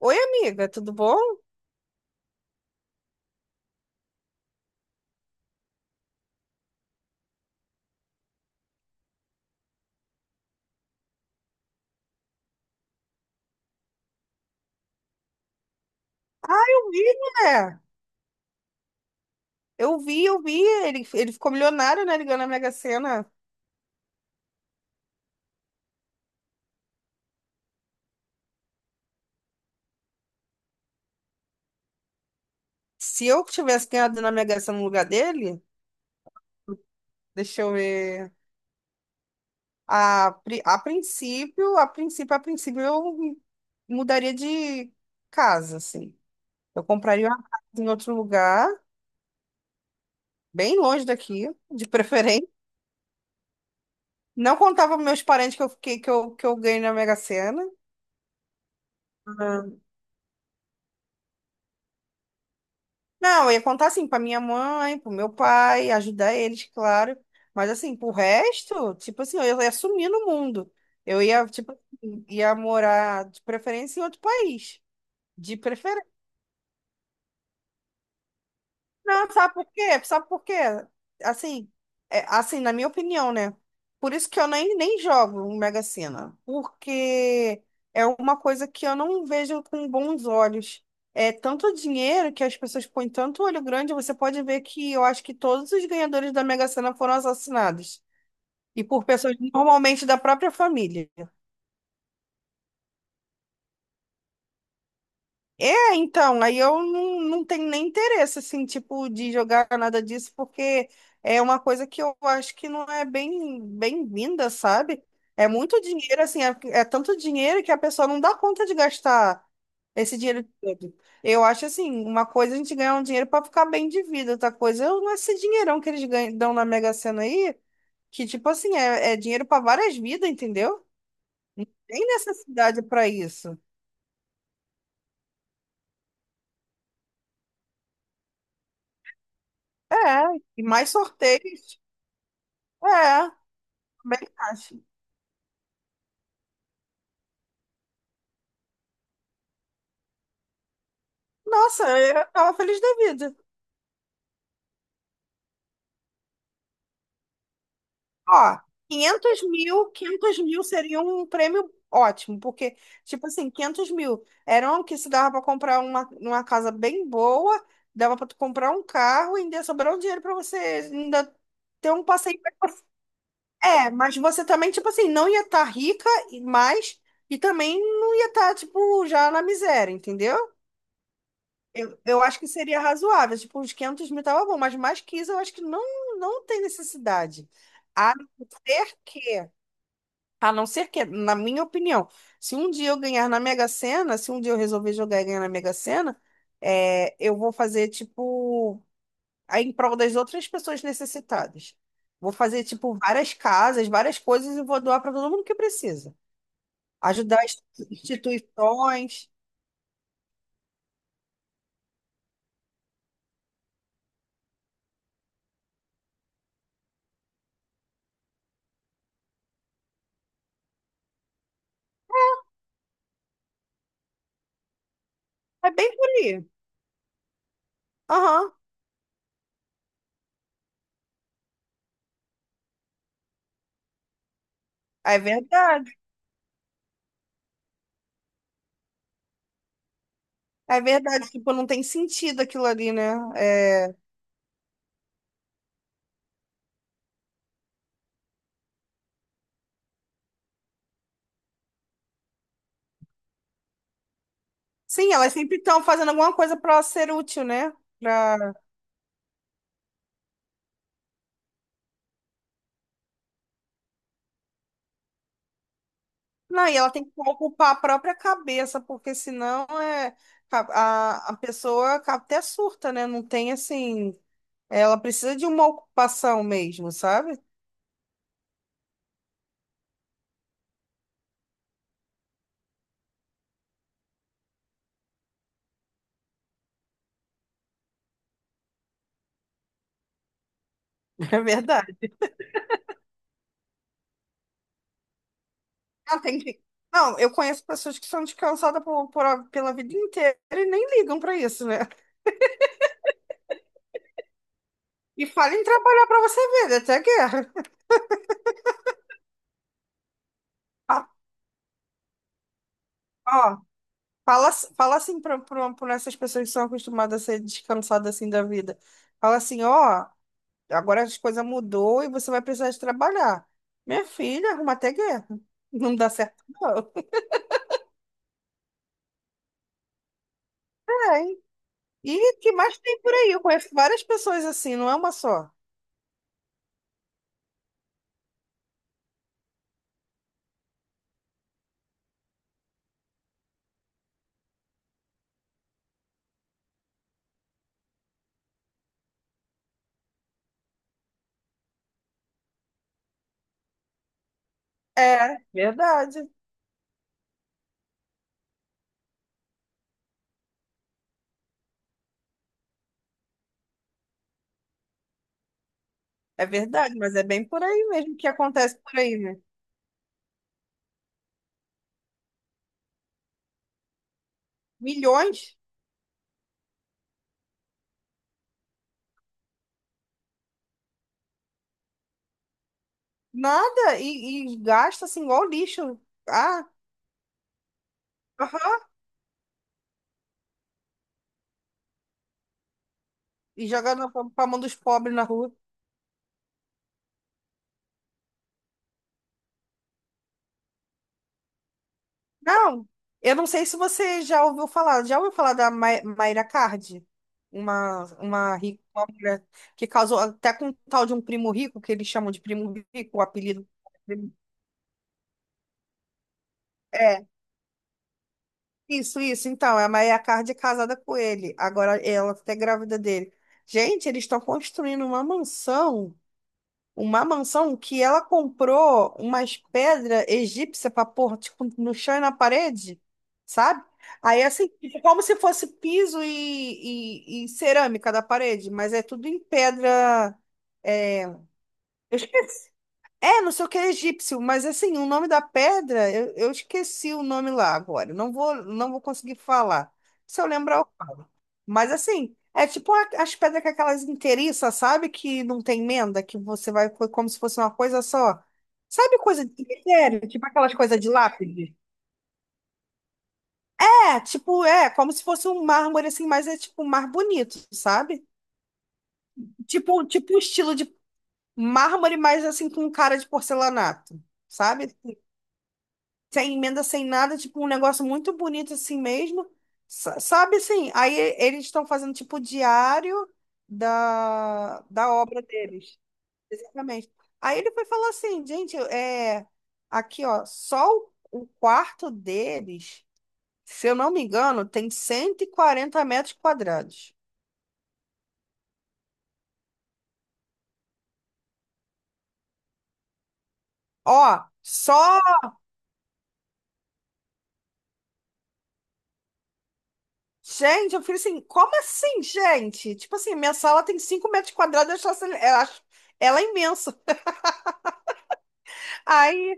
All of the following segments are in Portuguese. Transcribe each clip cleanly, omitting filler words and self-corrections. Oi, amiga, tudo bom? Eu vi, né? Eu vi, eu vi. Ele ficou milionário, né? Ligando ganhou na Mega Sena. Se eu tivesse ganhado na Mega Sena no lugar dele, deixa eu ver. A, pri- a princípio, a princípio, a princípio, eu mudaria de casa, assim. Eu compraria uma casa em outro lugar, bem longe daqui, de preferência. Não contava para meus parentes que eu fiquei, que eu ganhei na Mega Sena. Não, eu ia contar assim pra minha mãe, pro meu pai, ajudar eles, claro. Mas assim, pro resto, tipo assim, eu ia sumir no mundo. Eu ia, tipo, assim, ia morar de preferência em outro país. De Não, sabe por quê? Sabe por quê? Assim, é, assim, na minha opinião, né? Por isso que eu nem jogo no Mega Sena, porque é uma coisa que eu não vejo com bons olhos. É tanto dinheiro que as pessoas põem tanto olho grande, você pode ver que eu acho que todos os ganhadores da Mega Sena foram assassinados. E por pessoas normalmente da própria família. É, então, aí eu não tenho nem interesse, assim, tipo, de jogar nada disso, porque é uma coisa que eu acho que não é bem-vinda, sabe? É muito dinheiro, assim, é tanto dinheiro que a pessoa não dá conta de gastar esse dinheiro todo. Eu acho, assim, uma coisa a gente ganhar um dinheiro para ficar bem de vida, outra coisa é esse dinheirão que eles ganham, dão na Mega Sena aí, que, tipo assim, é dinheiro para várias vidas, entendeu? Tem necessidade para isso. É, e mais sorteios. É. Bem acho. Nossa, eu tava feliz da vida. Ó, 500 mil, 500 mil seria um prêmio ótimo, porque, tipo assim, 500 mil eram o que se dava para comprar uma casa bem boa, dava para tu comprar um carro e ainda sobrar um dinheiro para você ainda ter um passeio. É, mas você também, tipo assim, não ia estar rica, e mais e também não ia estar, tipo, já na miséria, entendeu? Eu acho que seria razoável, tipo, uns 500 mil tava bom, mas mais que isso eu acho que não, não tem necessidade. A não ser que, a não ser que, na minha opinião, se um dia eu ganhar na Mega Sena, se um dia eu resolver jogar e ganhar na Mega Sena, é, eu vou fazer, tipo, aí em prol das outras pessoas necessitadas. Vou fazer, tipo, várias casas, várias coisas e vou doar para todo mundo que precisa. Ajudar as instituições. É bem por aí. Aham, é verdade. É verdade, tipo, não tem sentido aquilo ali, né? É... Sim, elas sempre estão fazendo alguma coisa para ser útil, né? Pra... Não, e ela tem que ocupar a própria cabeça, porque senão é... a, a pessoa acaba- até surta, né? Não tem assim. Ela precisa de uma ocupação mesmo, sabe? É verdade. Ela tem que- Não, eu conheço pessoas que são descansadas pela vida inteira e nem ligam para isso, né? E falam em trabalhar para você ver, né? Até guerra. Ó, Fala assim para essas pessoas que são acostumadas a ser descansadas assim da vida. Fala assim, ó, agora as coisas mudou e você vai precisar de trabalhar. Minha filha, arruma até guerra. Não dá certo, não. É, hein? E que mais tem por aí? Eu conheço várias pessoas assim, não é uma só. É, verdade. É verdade, mas é bem por aí mesmo que acontece por aí, né? Milhões, nada, e gasta assim igual lixo. Ah, aham, e joga na- pra mão dos pobres na rua. Não, eu não sei se você já ouviu falar. Já ouviu falar da Mai- Mayra Card? Uma mulher que casou até com um tal de um primo rico, que eles chamam de primo rico, o apelido. É, isso. Então, é a Mayra Card é casada com ele. Agora ela tá grávida dele. Gente, eles estão construindo uma mansão. Uma mansão que ela comprou umas pedras egípcias para pôr, tipo, no chão e na parede, sabe? Aí, assim, fica como se fosse piso e cerâmica da parede, mas é tudo em pedra. Eu esqueci. É, não sei o que é egípcio, mas assim, o nome da pedra, eu esqueci o nome lá agora. Não vou conseguir falar. Se eu lembrar, eu mas assim, é tipo a- as pedras com aquelas inteiriças, sabe? Que não tem emenda, que você vai foi como se fosse uma coisa só. Sabe coisa de cemitério? Tipo aquelas coisas de lápide? É, tipo, é, como se fosse um mármore assim, mas é tipo um mar bonito, sabe? Tipo um estilo de mármore, mas assim com cara de porcelanato, sabe? Sem emenda, sem nada, tipo um negócio muito bonito assim mesmo. Sa- Sabe assim, aí eles estão fazendo tipo diário da obra deles. Exatamente. Aí ele foi falar assim, gente, é, aqui ó, só o quarto deles, se eu não me engano, tem 140 m². Ó, só. Gente, eu falei assim, como assim, gente? Tipo assim, minha sala tem 5 m², eu acho essa- eu acho ela é imensa. Aí,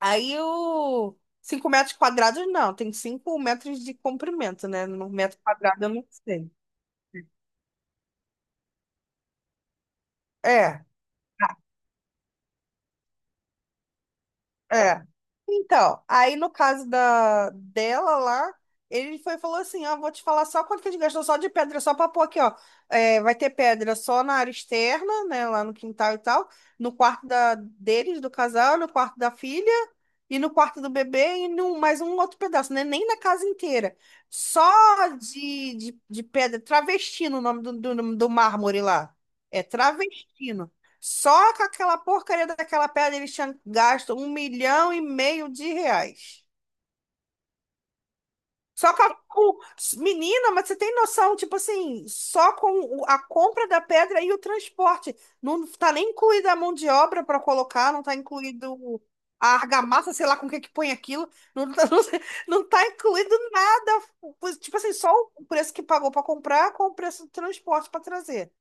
aí o 5 m², não, tem 5 m de comprimento, né? No metro quadrado eu não sei. É. É. Então, aí no caso da dela lá, ele foi e falou assim, ó, vou te falar só quanto que a gente gastou só de pedra, só pra pôr aqui, ó. É, vai ter pedra só na área externa, né, lá no quintal e tal, no quarto da, deles, do casal, no quarto da filha, e no quarto do bebê, e num, mais um outro pedaço, né, nem na casa inteira. Só de pedra, travestino o nome do mármore lá. É travestino. Só com aquela porcaria daquela pedra eles tinham gasto um milhão e meio de reais. Só com a... o- Menina, mas você tem noção, tipo assim, só com o- a compra da pedra e o transporte. Não tá nem incluída a mão de obra para colocar, não tá incluído o- a argamassa, sei lá com o que que põe aquilo. Não tá, não, sei- não tá incluído nada. Pois, tipo assim, só o preço que pagou para comprar com o preço do transporte para trazer.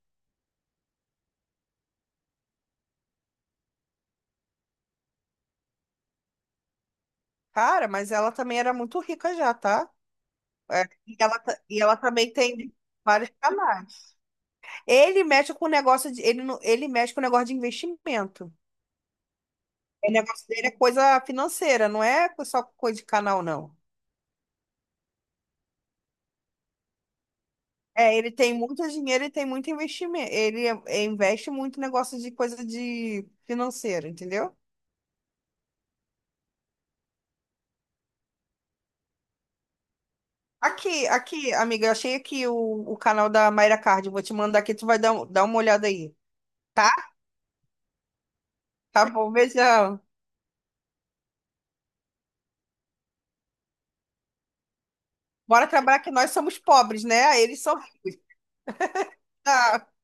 Cara, mas ela também era muito rica já, tá? É, e ela, ta- e ela também tem vários canais. Ele mexe com o negócio de, ele, não- ele mexe com o negócio de investimento. O negócio dele é coisa financeira, não é só coisa de canal, não. É, ele tem muito dinheiro e tem muito investimento. Ele é, investe muito em negócio de coisa de financeira, entendeu? Aqui, amiga, eu achei aqui o canal da Mayra Card. Vou te mandar aqui, tu vai dar, um- dar uma olhada aí, tá? Tá bom, beijão. Bora trabalhar que nós somos pobres, né? Eles são ricos. Tá.